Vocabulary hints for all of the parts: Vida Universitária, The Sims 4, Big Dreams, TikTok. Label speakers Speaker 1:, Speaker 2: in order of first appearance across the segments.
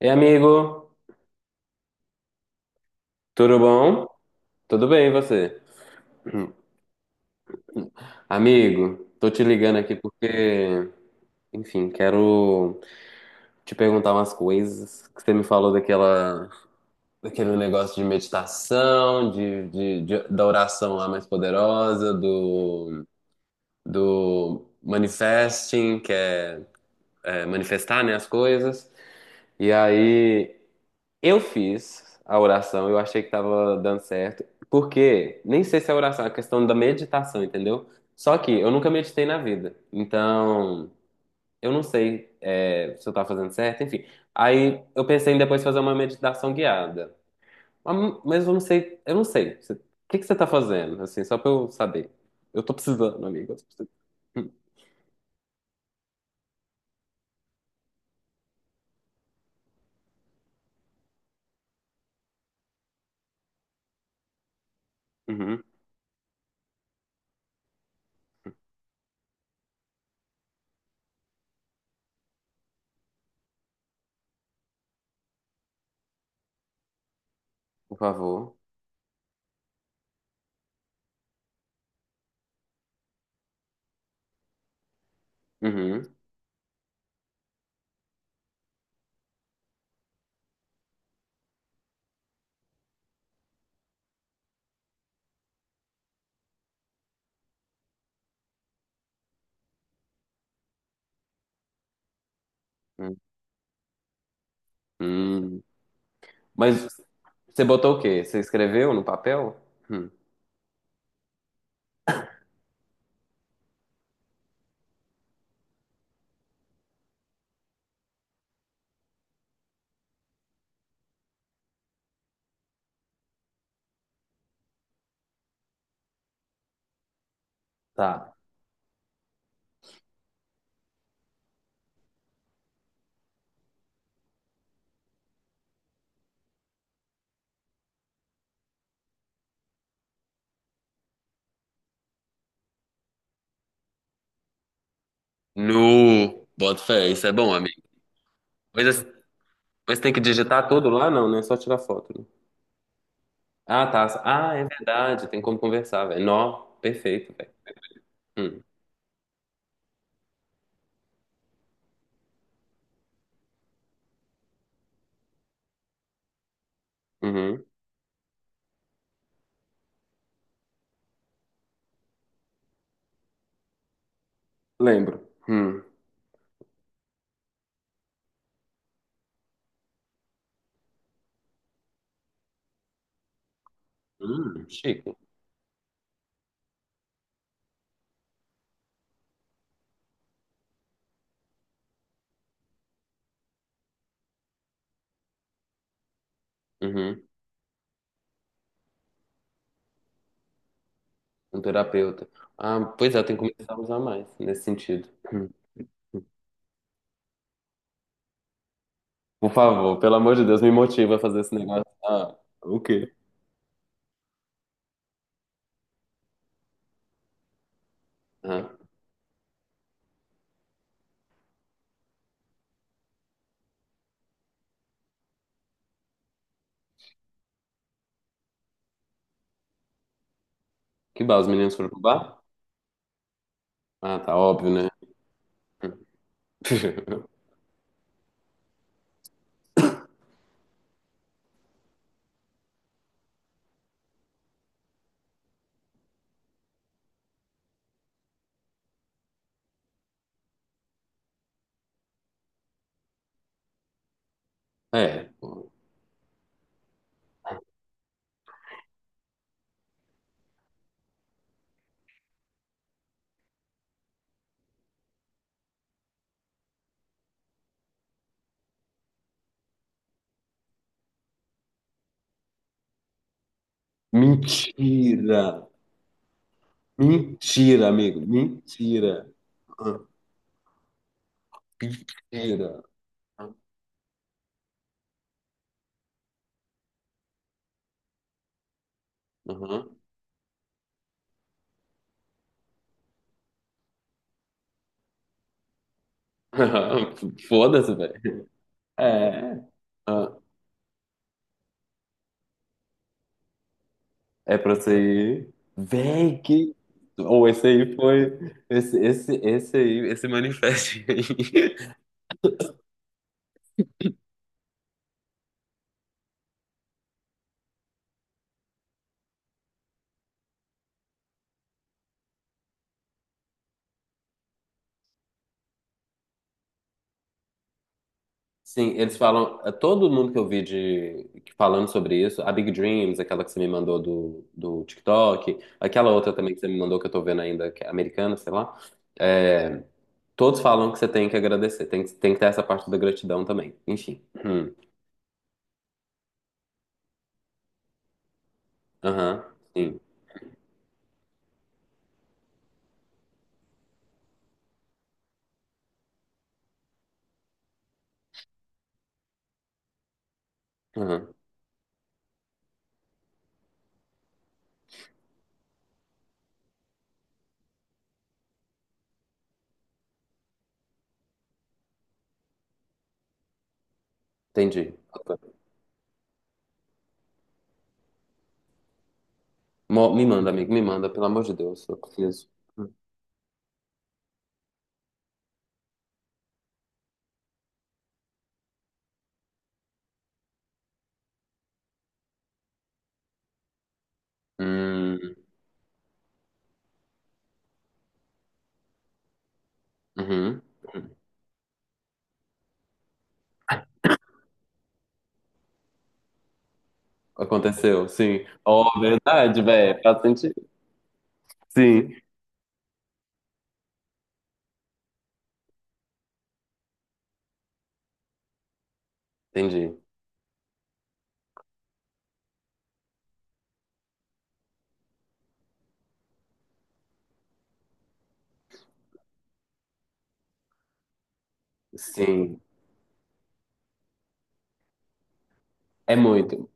Speaker 1: Ei, amigo, tudo bom? Tudo bem, e você? Hum. Amigo, tô te ligando aqui porque, enfim, quero te perguntar umas coisas que você me falou daquela, daquele negócio de meditação, da oração lá mais poderosa, do, do manifesting, é manifestar, né, as coisas. E aí, eu fiz a oração, eu achei que tava dando certo, porque nem sei se é oração, é questão da meditação, entendeu? Só que eu nunca meditei na vida, então eu não sei é, se eu tava fazendo certo, enfim. Aí eu pensei em depois fazer uma meditação guiada, mas eu não sei, eu não sei. Você- O que que você tá fazendo, assim, só pra eu saber? Eu tô precisando, amigo, eu tô precisando. Hum. Uhum, por favor. Uhum, uhum. Mas você botou o quê? Você escreveu no papel? Hum. Tá. No, bota fé, isso é bom, amigo. Mas, assim, mas tem que digitar tudo lá? Não, não é só tirar foto, né? Ah, tá. Ah, é verdade. Tem como conversar, velho. Nó, perfeito, velho. Uhum. Lembro. Hum. Chique. Uhum. Um terapeuta. Ah, pois é, tem que começar a usar mais nesse sentido. Hum. Por favor, pelo amor de Deus, me motiva a fazer esse negócio. Ah, o quê? Ah, que bar? Os meninos foram pro bar? Ah, tá óbvio, né? É. Mentira! Mentira, amigo. Mentira. Ah, mentira. Ah, aham. Foda-se, velho. É. Ah, é pra você ir. Véi, que. Ou esse aí foi. Esse aí, esse manifesto aí. Sim, eles falam. É, todo mundo que eu vi de, que- falando sobre isso, a Big Dreams, aquela que você me mandou do, do TikTok, aquela outra também que você me mandou que eu tô vendo ainda, que é americana, sei lá. É, todos falam que você tem que agradecer, tem que ter essa parte da gratidão também. Enfim. Hum. Aham, sim. Aham, entendi. Mo- Me manda, amigo, me manda, pelo amor de Deus, eu preciso. Hum, uhum. Aconteceu, sim. Oh, verdade, velho, faz sentido. Sim, entendi. Sim, é muito.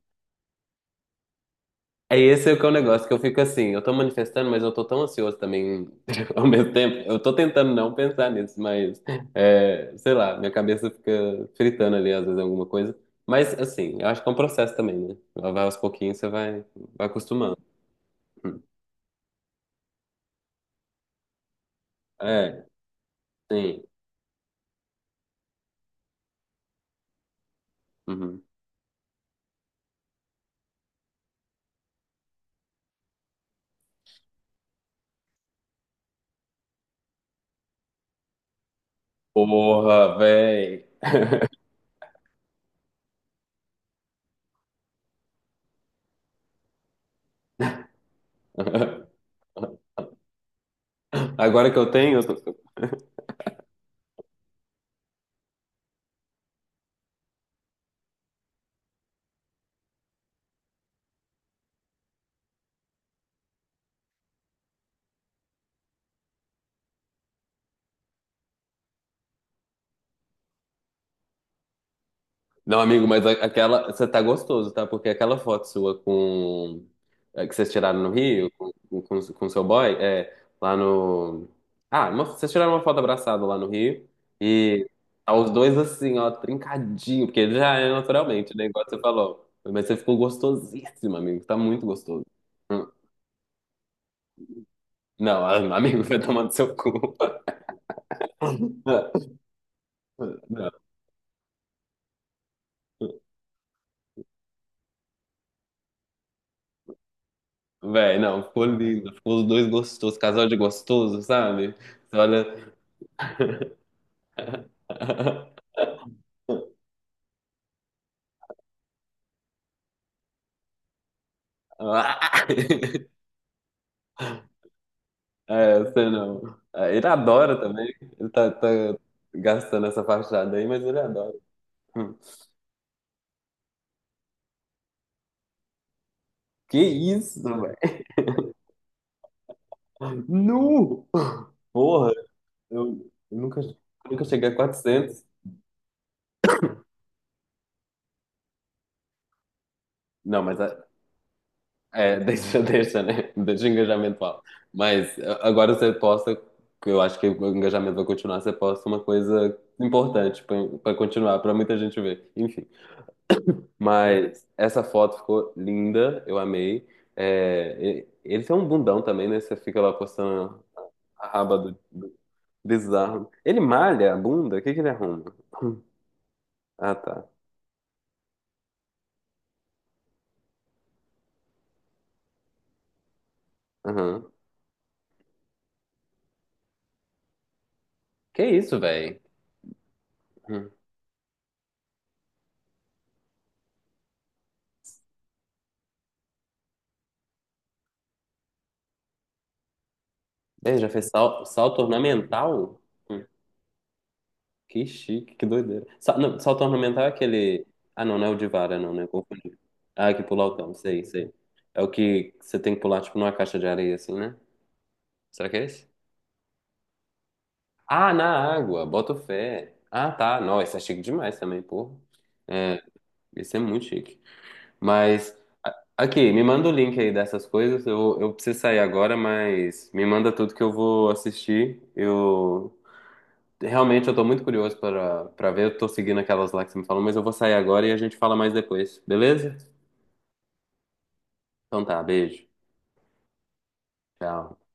Speaker 1: É esse é o que é o negócio, que eu fico assim, eu tô manifestando, mas eu tô tão ansioso também ao mesmo tempo. Eu tô tentando não pensar nisso, mas é, sei lá, minha cabeça fica fritando ali às vezes alguma coisa. Mas assim, eu acho que é um processo também, né? Vai aos pouquinhos, você vai, vai acostumando. É, sim. Uhum. Porra, véi. Agora que eu tenho, não, amigo, mas a- aquela. Você tá gostoso, tá? Porque aquela foto sua com. É, que vocês tiraram no Rio, com seu boy, é. Lá no. Ah, uma- vocês tiraram uma foto abraçada lá no Rio. E tá os dois assim, ó, trincadinho, porque ele já é naturalmente, né? Igual você falou. Mas você ficou gostosíssimo, amigo. Tá muito gostoso. Hum. Não, a- amigo, vai tomar no seu cu. Não, não. Véi, não, ficou lindo. Ficou os dois gostosos, casal de gostoso, sabe? Você olha. É, você não. É, ele adora também. Ele tá, tá gastando essa fachada aí, mas ele adora. Hum. Que isso, velho? Nu! Porra, eu nunca, nunca cheguei a 400. Não, mas é, é, deixa, deixa, né? Deixa o engajamento alto. Mas é, agora você posta, que eu acho que o engajamento vai continuar, você posta uma coisa importante pra pra continuar, pra muita gente ver. Enfim. Mas essa foto ficou linda, eu amei. É, e- ele tem um bundão também, né? Você fica lá postando a raba do, do bizarro. Ele malha a bunda? O que que ele arruma? Ah, tá. Aham. Que isso, velho? Ele já fez sal- salto ornamental? Hum, Que chique, que doideira. Sa- não, salto ornamental é aquele. Ah, não, não é o de vara, não, né? Confundi. Ah, é que pular o cão, sei, sei. É o que você tem que pular, tipo, numa caixa de areia, assim, né? Será que é esse? Ah, na água, boto fé. Ah, tá. Não, esse é chique demais também, porra. É, esse é muito chique. Mas, a- aqui, me manda o link aí dessas coisas. Eu preciso sair agora, mas me manda tudo que eu vou assistir. Eu realmente eu tô muito curioso para para ver. Eu tô seguindo aquelas lá que você me falou, mas eu vou sair agora e a gente fala mais depois, beleza? Então tá, beijo. Tchau.